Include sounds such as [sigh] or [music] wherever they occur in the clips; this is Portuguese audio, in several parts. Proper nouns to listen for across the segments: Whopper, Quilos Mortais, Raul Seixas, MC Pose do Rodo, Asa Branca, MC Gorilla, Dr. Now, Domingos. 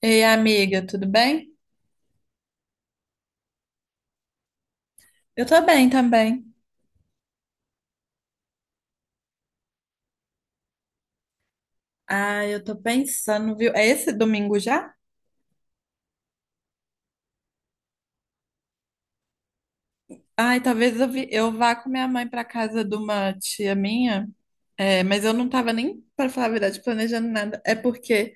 Ei, amiga, tudo bem? Eu tô bem também. Ah, eu tô pensando, viu? É esse domingo já? Ai, talvez eu vá com minha mãe pra casa de uma tia minha. É, mas eu não tava nem, pra falar a verdade, planejando nada. É porque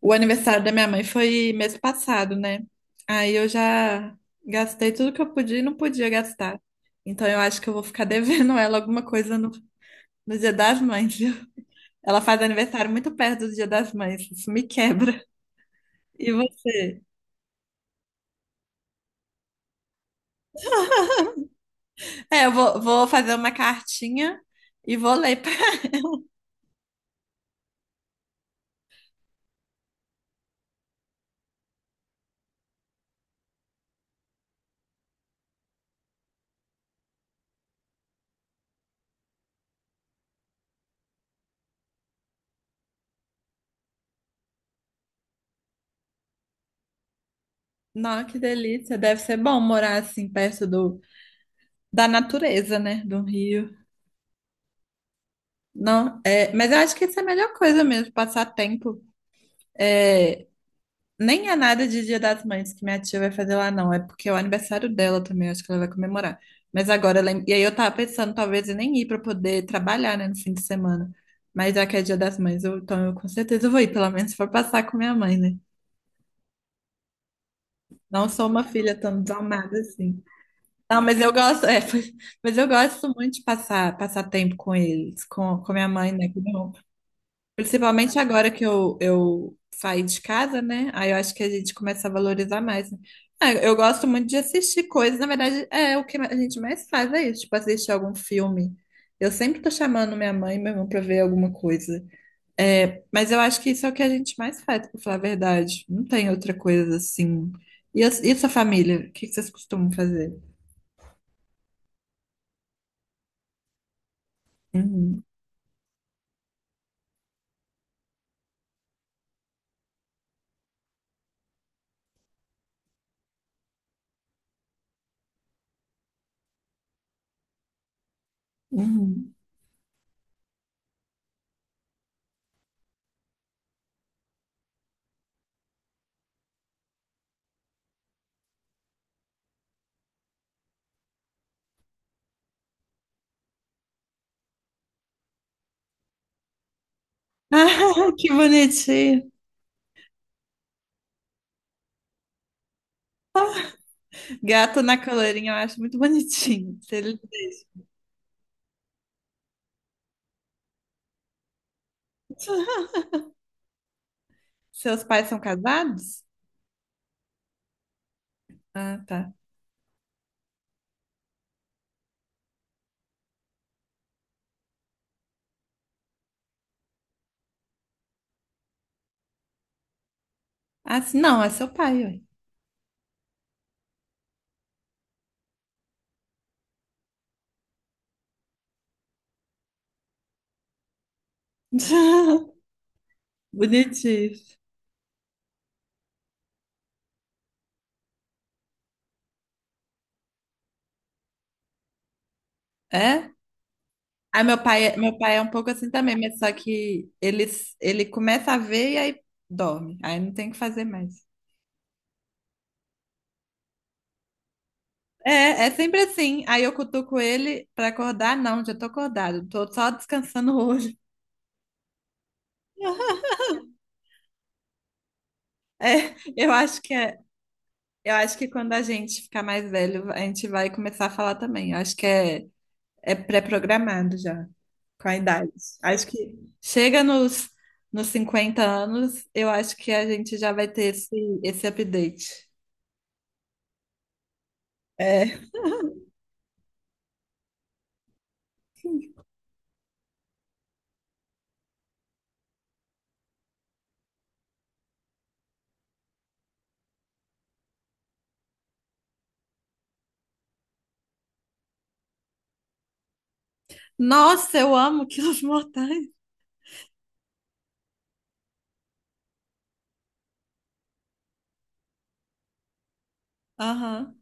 o aniversário da minha mãe foi mês passado, né? Aí eu já gastei tudo que eu podia e não podia gastar. Então eu acho que eu vou ficar [laughs] devendo ela alguma coisa no Dia das Mães, viu? Ela faz aniversário muito perto do Dia das Mães. Isso me quebra. E você? É, eu vou fazer uma cartinha e vou ler pra [laughs] Nossa, que delícia. Deve ser bom morar assim perto da natureza, né? Do rio. Não, é, mas eu acho que isso é a melhor coisa mesmo, passar tempo. É, nem é nada de Dia das Mães que minha tia vai fazer lá, não. É porque é o aniversário dela também, eu acho que ela vai comemorar. Mas agora, e aí eu tava pensando, talvez eu nem ir pra poder trabalhar, né, no fim de semana. Mas já que é Dia das Mães, então eu com certeza vou ir, pelo menos se for passar com minha mãe, né? Não sou uma filha tão desalmada assim. Não, mas eu gosto, é, [laughs] mas eu gosto muito de passar tempo com eles, com minha mãe, né? Que principalmente agora que eu saí de casa, né? Aí eu acho que a gente começa a valorizar mais, né. Ah, eu gosto muito de assistir coisas, na verdade, é o que a gente mais faz, é isso, tipo, assistir algum filme. Eu sempre tô chamando minha mãe e meu irmão pra ver alguma coisa. É, mas eu acho que isso é o que a gente mais faz, pra falar a verdade. Não tem outra coisa assim. E a sua família? O que que vocês costumam fazer? Uhum. Uhum. [laughs] Ah, que bonitinho. Gato na coleirinha, eu acho muito bonitinho. Se ele- [laughs] Seus pais são casados? Ah, tá. Ah, sim, não, é seu pai, ué. [laughs] Bonitinho. É? Ah, meu pai, meu pai é um pouco assim também, mas só que ele começa a ver e aí dorme. Aí não tem o que fazer mais. É sempre assim. Aí eu cutuco ele pra acordar. Não, já tô acordado. Tô só descansando o olho. [laughs] Eu acho que é. Eu acho que quando a gente ficar mais velho, a gente vai começar a falar também. Eu acho que é pré-programado já, com a idade. Acho que chega nos 50 anos, eu acho que a gente já vai ter esse update. É. Nossa, eu amo Quilos Mortais. Aham.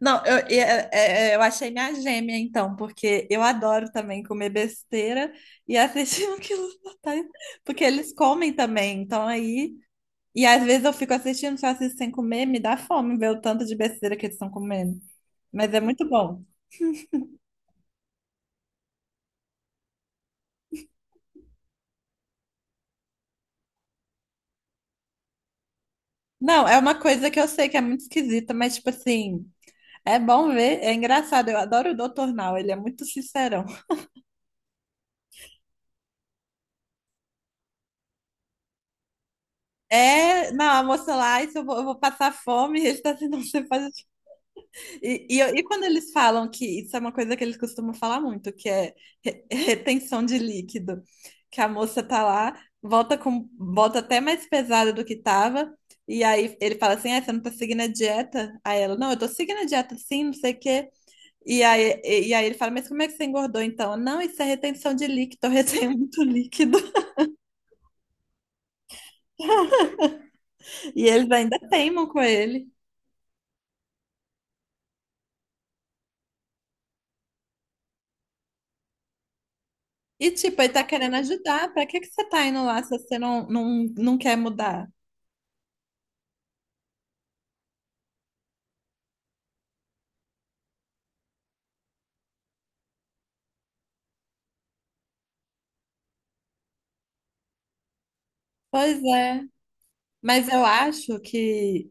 Não, eu, e- é- é- é, eu achei minha gêmea, então, porque eu adoro também comer besteira e assistir [laughs] um Quilos Mortais, porque eles comem também, então aí. E às vezes eu fico assistindo, só assisto sem comer, me dá fome ver o tanto de besteira que eles estão comendo. Mas é muito bom. Não, é uma coisa que eu sei que é muito esquisita, mas tipo assim, é bom ver, é engraçado. Eu adoro o Doutor Now, ele é muito sincerão. É, não, a moça lá, isso eu vou passar fome, [laughs] ele está assim, não, você faz. E quando eles falam que isso é uma coisa que eles costumam falar muito, que é retenção de líquido, que a moça tá lá, volta com bota até mais pesada do que tava, e aí ele fala assim: "Ah, você não tá seguindo a dieta?" Aí ela, não, eu tô seguindo a dieta sim, não sei o quê. E aí ele fala, mas como é que você engordou então? Não, isso é retenção de líquido, eu retenho [laughs] muito líquido. E eles ainda teimam com ele. E tipo, ele tá querendo ajudar, pra que que você tá indo lá se você não, não quer mudar? Pois é. Mas eu acho que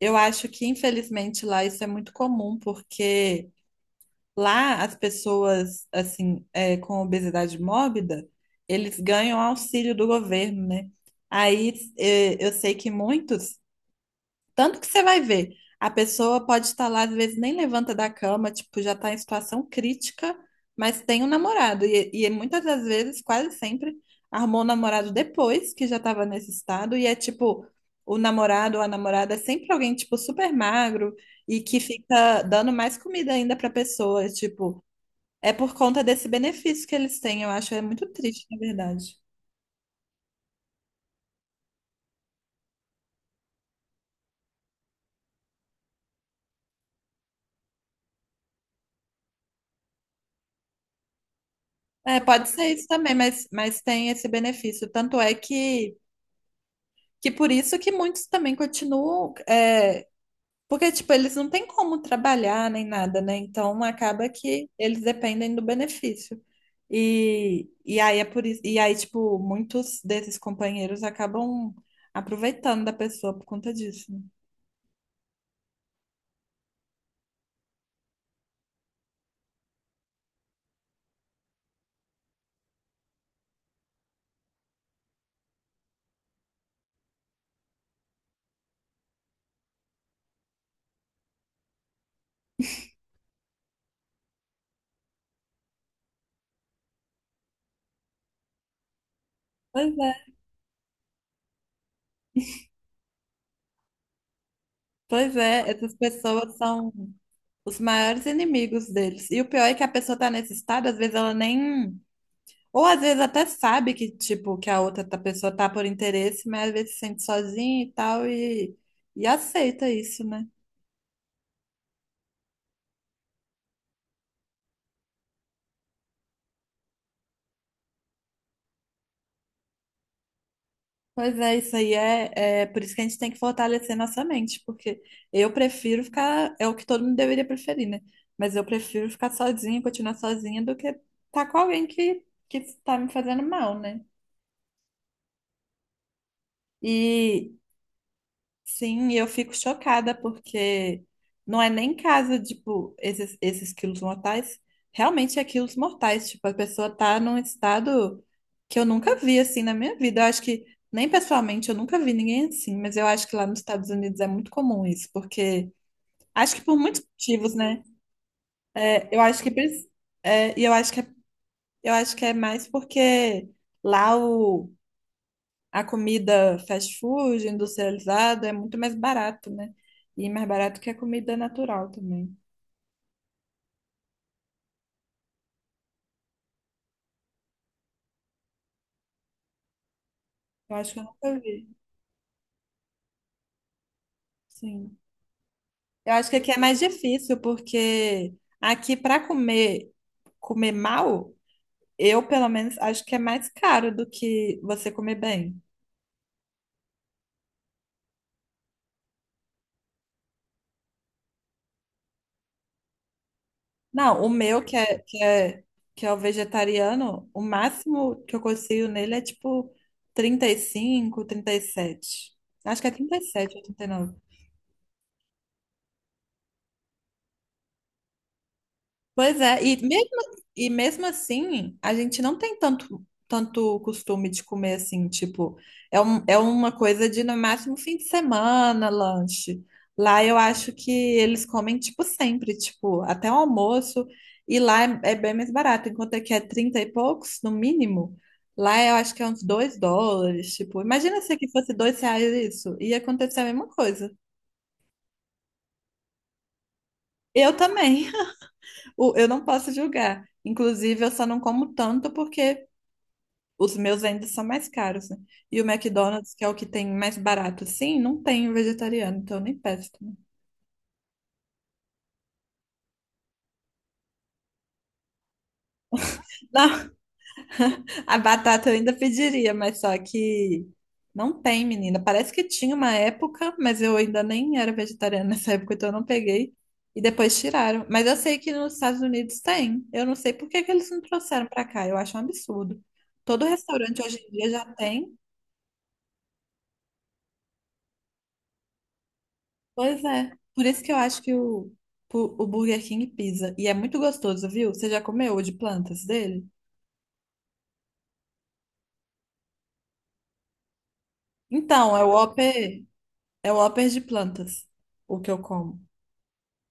eu acho que infelizmente lá isso é muito comum, porque lá as pessoas assim é, com obesidade mórbida, eles ganham auxílio do governo, né? Aí é, eu sei que muitos tanto que você vai ver, a pessoa pode estar lá, às vezes nem levanta da cama, tipo, já está em situação crítica, mas tem um namorado. E muitas das vezes, quase sempre, arrumou um namorado depois que já estava nesse estado. E é tipo, o namorado ou a namorada é sempre alguém, tipo, super magro e que fica dando mais comida ainda para a pessoa. Tipo, é por conta desse benefício que eles têm. Eu acho, é muito triste, na verdade. É, pode ser isso também, mas tem esse benefício. Tanto é que. Que por isso que muitos também continuam, é, porque, tipo, eles não têm como trabalhar nem nada, né? Então acaba que eles dependem do benefício. E aí é por isso, e aí, tipo, muitos desses companheiros acabam aproveitando da pessoa por conta disso, né? Pois é, pois é, essas pessoas são os maiores inimigos deles. E o pior é que a pessoa tá nesse estado, às vezes ela nem. Ou às vezes até sabe que, tipo, que pessoa tá por interesse, mas às vezes se sente sozinha e tal, e aceita isso, né? Pois é, isso aí é, por isso que a gente tem que fortalecer nossa mente, porque eu prefiro ficar, é o que todo mundo deveria preferir, né? Mas eu prefiro ficar sozinha, continuar sozinha, do que estar com alguém que tá me fazendo mal, né? E, sim, e eu fico chocada porque não é nem casa, tipo, esses quilos mortais. Realmente é quilos mortais. Tipo, a pessoa tá num estado que eu nunca vi assim na minha vida. Eu acho que, nem pessoalmente, eu nunca vi ninguém assim, mas eu acho que lá nos Estados Unidos é muito comum isso, porque acho que por muitos motivos, né? É, eu acho que, é, e eu acho que, eu acho que é mais porque lá o a comida fast food, industrializada, é muito mais barato, né? E mais barato que a comida natural também. Eu acho que eu nunca vi. Sim. Eu acho que aqui é mais difícil, porque aqui para comer, comer mal, eu pelo menos acho que é mais caro do que você comer bem. Não, o meu que é, o vegetariano, o máximo que eu consigo nele é tipo 30 35, 37. Acho que é 37 ou 39. Pois é, e mesmo assim, a gente não tem tanto, tanto costume de comer assim, tipo, é uma coisa de no máximo fim de semana, lanche. Lá eu acho que eles comem, tipo, sempre, tipo, até o almoço, e lá é bem mais barato, enquanto aqui é 30 e poucos, no mínimo, lá eu acho que é uns 2 dólares, tipo, imagina se aqui fosse 2 reais isso, ia acontecer a mesma coisa. Eu também. [laughs] Eu não posso julgar. Inclusive, eu só não como tanto porque os meus ainda são mais caros, né? E o McDonald's, que é o que tem mais barato, sim, não tem um vegetariano, então eu nem peço também. Não, [laughs] a batata eu ainda pediria, mas só que não tem, menina. Parece que tinha uma época, mas eu ainda nem era vegetariana nessa época, então eu não peguei. E depois tiraram. Mas eu sei que nos Estados Unidos tem. Eu não sei por que que eles não trouxeram pra cá. Eu acho um absurdo. Todo restaurante hoje em dia já tem. Pois é. Por isso que eu acho que o Burger King pisa. E é muito gostoso, viu? Você já comeu o de plantas dele? Então, é o Whopper de plantas, o que eu como.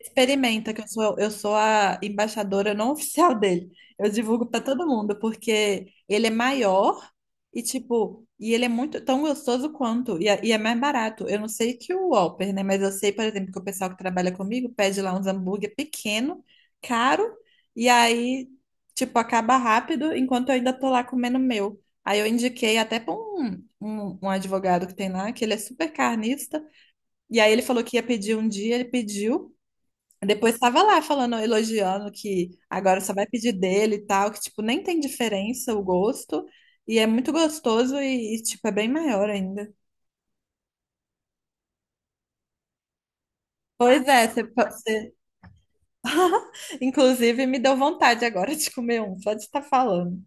Experimenta, que eu sou a embaixadora não [laughs] oficial dele. Eu divulgo para todo mundo, porque ele é maior e, tipo, e ele é muito tão gostoso quanto, e é mais barato. Eu não sei que o Whopper, né? Mas eu sei, por exemplo, que o pessoal que trabalha comigo pede lá uns hambúrguer pequeno, caro, e aí, tipo, acaba rápido, enquanto eu ainda tô lá comendo o meu. Aí eu indiquei até para um advogado que tem lá, que ele é super carnista, e aí ele falou que ia pedir um dia, ele pediu. Depois estava lá falando, elogiando que agora só vai pedir dele e tal, que tipo, nem tem diferença o gosto, e é muito gostoso tipo, é bem maior ainda. Pois é, inclusive me deu vontade agora [laughs] de comer um, só de estar falando.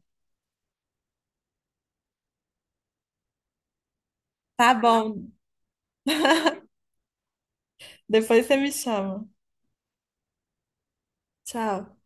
Tá bom, depois você me chama. Tchau.